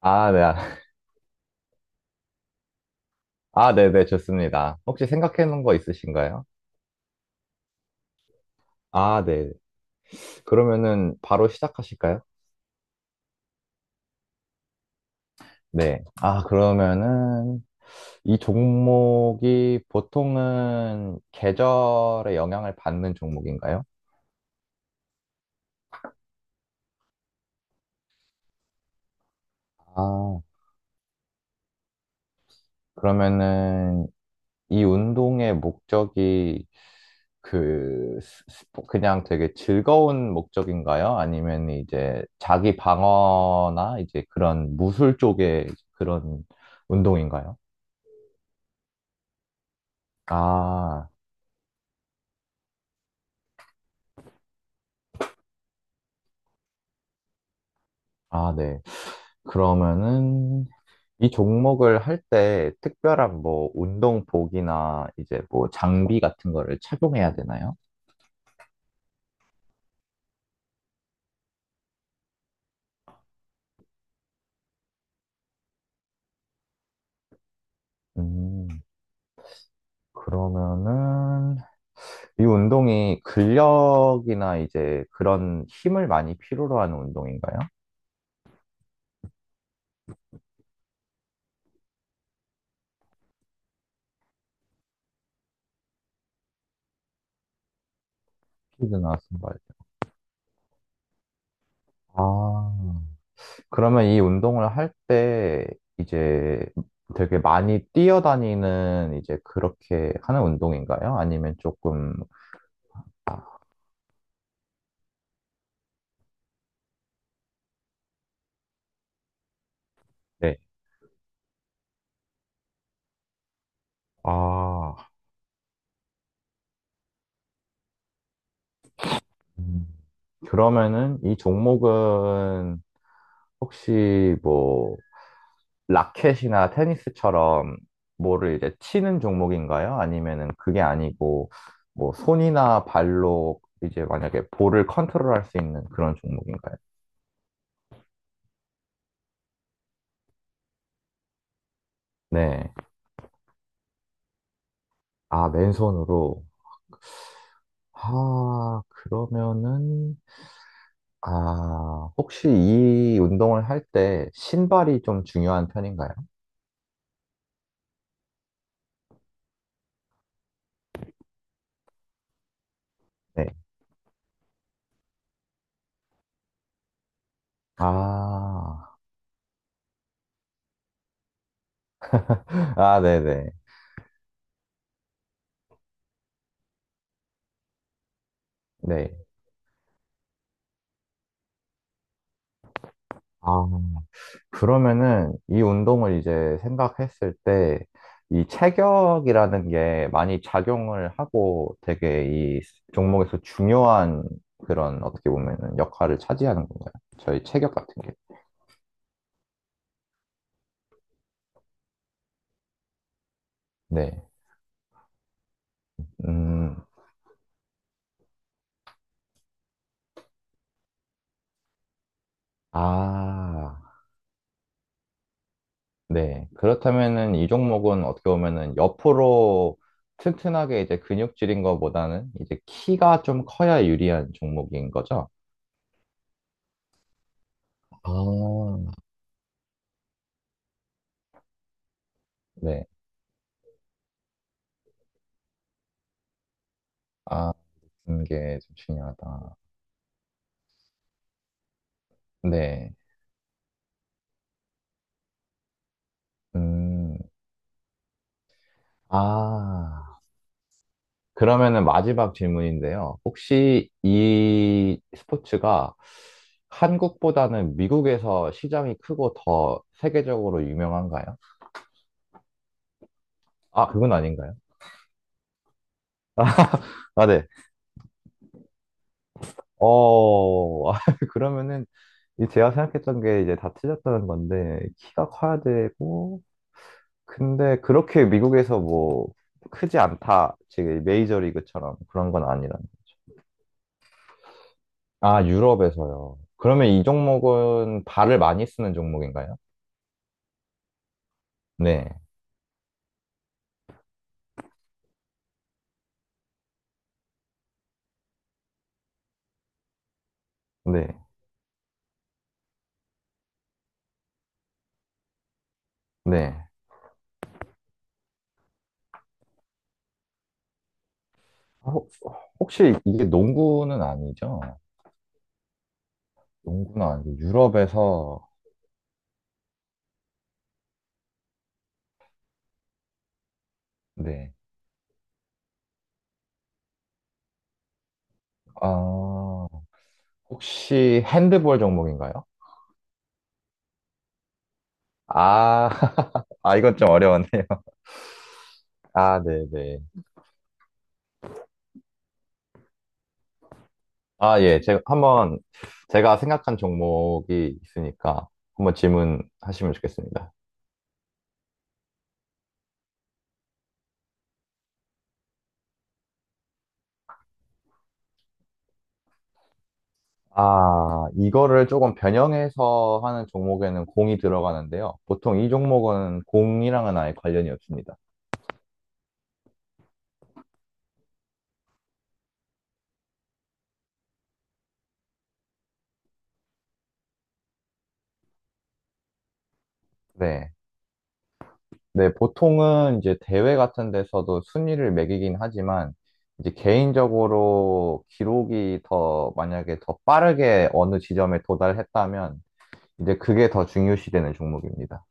아, 네. 아, 네네, 좋습니다. 혹시 생각해 놓은 거 있으신가요? 아, 네. 그러면은 바로 시작하실까요? 네. 아, 그러면은 이 종목이 보통은 계절의 영향을 받는 종목인가요? 아, 그러면은 이 운동의 목적이 그 그냥 되게 즐거운 목적인가요? 아니면 이제 자기 방어나 이제 그런 무술 쪽의 그런 운동인가요? 아, 아, 네. 그러면은 이 종목을 할 때 특별한 뭐 운동복이나 이제 뭐 장비 같은 거를 착용해야 되나요? 음, 그러면은 이 운동이 근력이나 이제 그런 힘을 많이 필요로 하는 운동인가요? 스피드나 순발. 아, 그러면 이 운동을 할 때 이제 되게 많이 뛰어다니는 이제 그렇게 하는 운동인가요? 아니면 조금 네. 아, 음. 그러면은 이 종목은 혹시 뭐 라켓이나 테니스처럼 뭐를 이제 치는 종목인가요? 아니면은 그게 아니고 뭐 손이나 발로 이제 만약에 볼을 컨트롤할 수 있는 그런 종목인가요? 네. 아, 맨손으로. 아, 그러면은 아, 혹시 이 운동을 할 때 신발이 좀 중요한 편인가요? 네. 아, 아, 네네. 네. 아, 그러면은 이 운동을 이제 생각했을 때 이 체격이라는 게 많이 작용을 하고 되게 이 종목에서 중요한 그런 어떻게 보면은 역할을 차지하는 건가요? 저희 체격 같은 게. 네. 음, 아, 네. 그렇다면은 이 종목은 어떻게 보면은 옆으로 튼튼하게 이제 근육질인 것보다는 이제 키가 좀 커야 유리한 종목인 거죠? 아, 아, 듣는 게 좀 중요하다. 네. 음, 아, 그러면은 마지막 질문인데요. 혹시 이 스포츠가 한국보다는 미국에서 시장이 크고 더 세계적으로 유명한가요? 아, 그건 아닌가요? 아, 네. 어, 아, 그러면은 이 제가 생각했던 게 이제 다 틀렸다는 건데, 키가 커야 되고, 근데 그렇게 미국에서 뭐 크지 않다. 지금 메이저리그처럼 그런 건 아니라. 아, 유럽에서요. 그러면 이 종목은 발을 많이 쓰는 종목인가요? 네, 네, 네. 혹- 혹시 이게 농구는 아니죠? 농구는 아니고 유럽에서, 네. 아, 혹시 핸드볼 종목인가요? 아, 아, 이건 좀 어려웠네요. 아, 네네. 아, 예. 제가 한번, 제가 생각한 종목이 있으니까 한번 질문하시면 좋겠습니다. 아, 이거를 조금 변형해서 하는 종목에는 공이 들어가는데요. 보통 이 종목은 공이랑은 아예 관련이 없습니다. 네. 네, 보통은 이제 대회 같은 데서도 순위를 매기긴 하지만, 이제 개인적으로 기록이 더, 만약에 더 빠르게 어느 지점에 도달했다면, 이제 그게 더 중요시되는 종목입니다.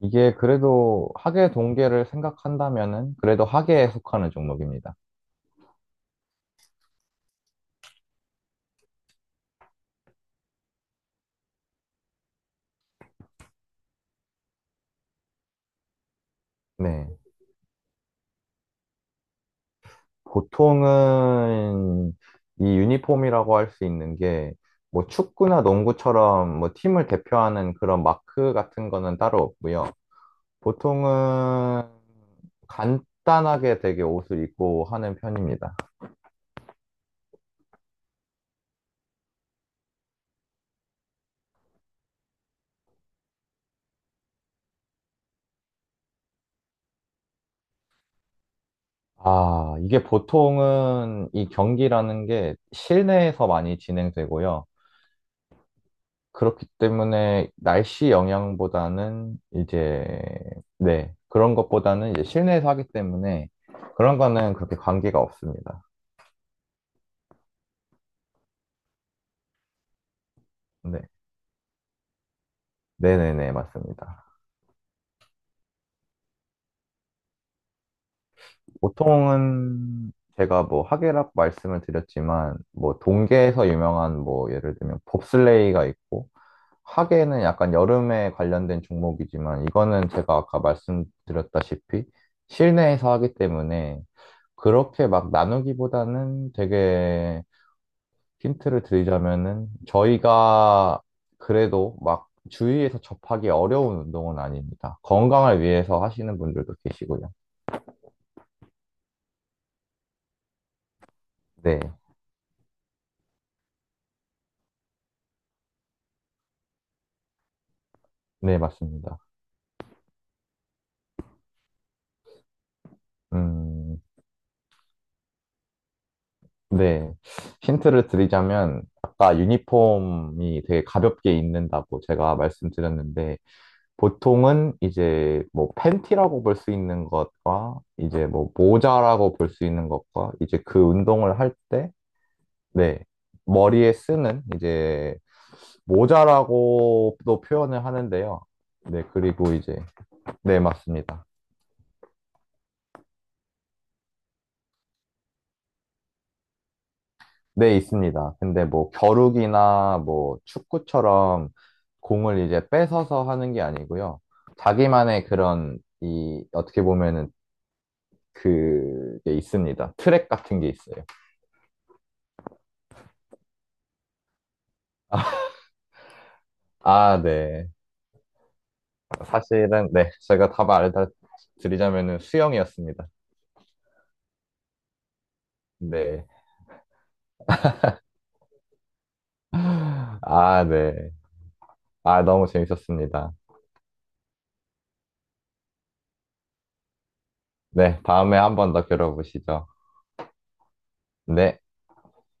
이게 그래도 학예 동계를 생각한다면은, 그래도 학예에 속하는 종목입니다. 네. 보통은 이 유니폼이라고 할 수 있는 게 뭐 축구나 농구처럼 뭐 팀을 대표하는 그런 마크 같은 거는 따로 없고요. 보통은 간단하게 되게 옷을 입고 하는 편입니다. 아, 이게 보통은 이 경기라는 게 실내에서 많이 진행되고요. 그렇기 때문에 날씨 영향보다는 이제, 네, 그런 것보다는 이제 실내에서 하기 때문에 그런 거는 그렇게 관계가 없습니다. 네. 네네네, 맞습니다. 보통은 제가 뭐 하계라고 말씀을 드렸지만, 뭐 동계에서 유명한 뭐 예를 들면 봅슬레이가 있고, 하계는 약간 여름에 관련된 종목이지만, 이거는 제가 아까 말씀드렸다시피 실내에서 하기 때문에 그렇게 막 나누기보다는 되게 힌트를 드리자면은 저희가 그래도 막 주위에서 접하기 어려운 운동은 아닙니다. 건강을 위해서 하시는 분들도 계시고요. 네, 네, 맞습니다. 음, 네. 힌트를 드리자면 아까 유니폼이 되게 가볍게 입는다고 제가 말씀드렸는데 보통은 이제 뭐 팬티라고 볼 수 있는 것과 이제 뭐 모자라고 볼 수 있는 것과 이제 그 운동을 할 때, 네. 머리에 쓰는 이제 모자라고도 표현을 하는데요. 네, 그리고 이제, 네, 맞습니다. 네, 있습니다. 근데 뭐 겨루기나 뭐 축구처럼 공을 이제 뺏어서 하는 게 아니고요. 자기만의 그런 이 어떻게 보면은 그게 있습니다. 트랙 같은 게 있어요. 아, 네. 사실은 네, 제가 답 알려드리자면은 수영이었습니다. 네. 아, 네. 아, 너무 재밌었습니다. 네, 다음에 한 번 더 겨뤄보시죠. 네.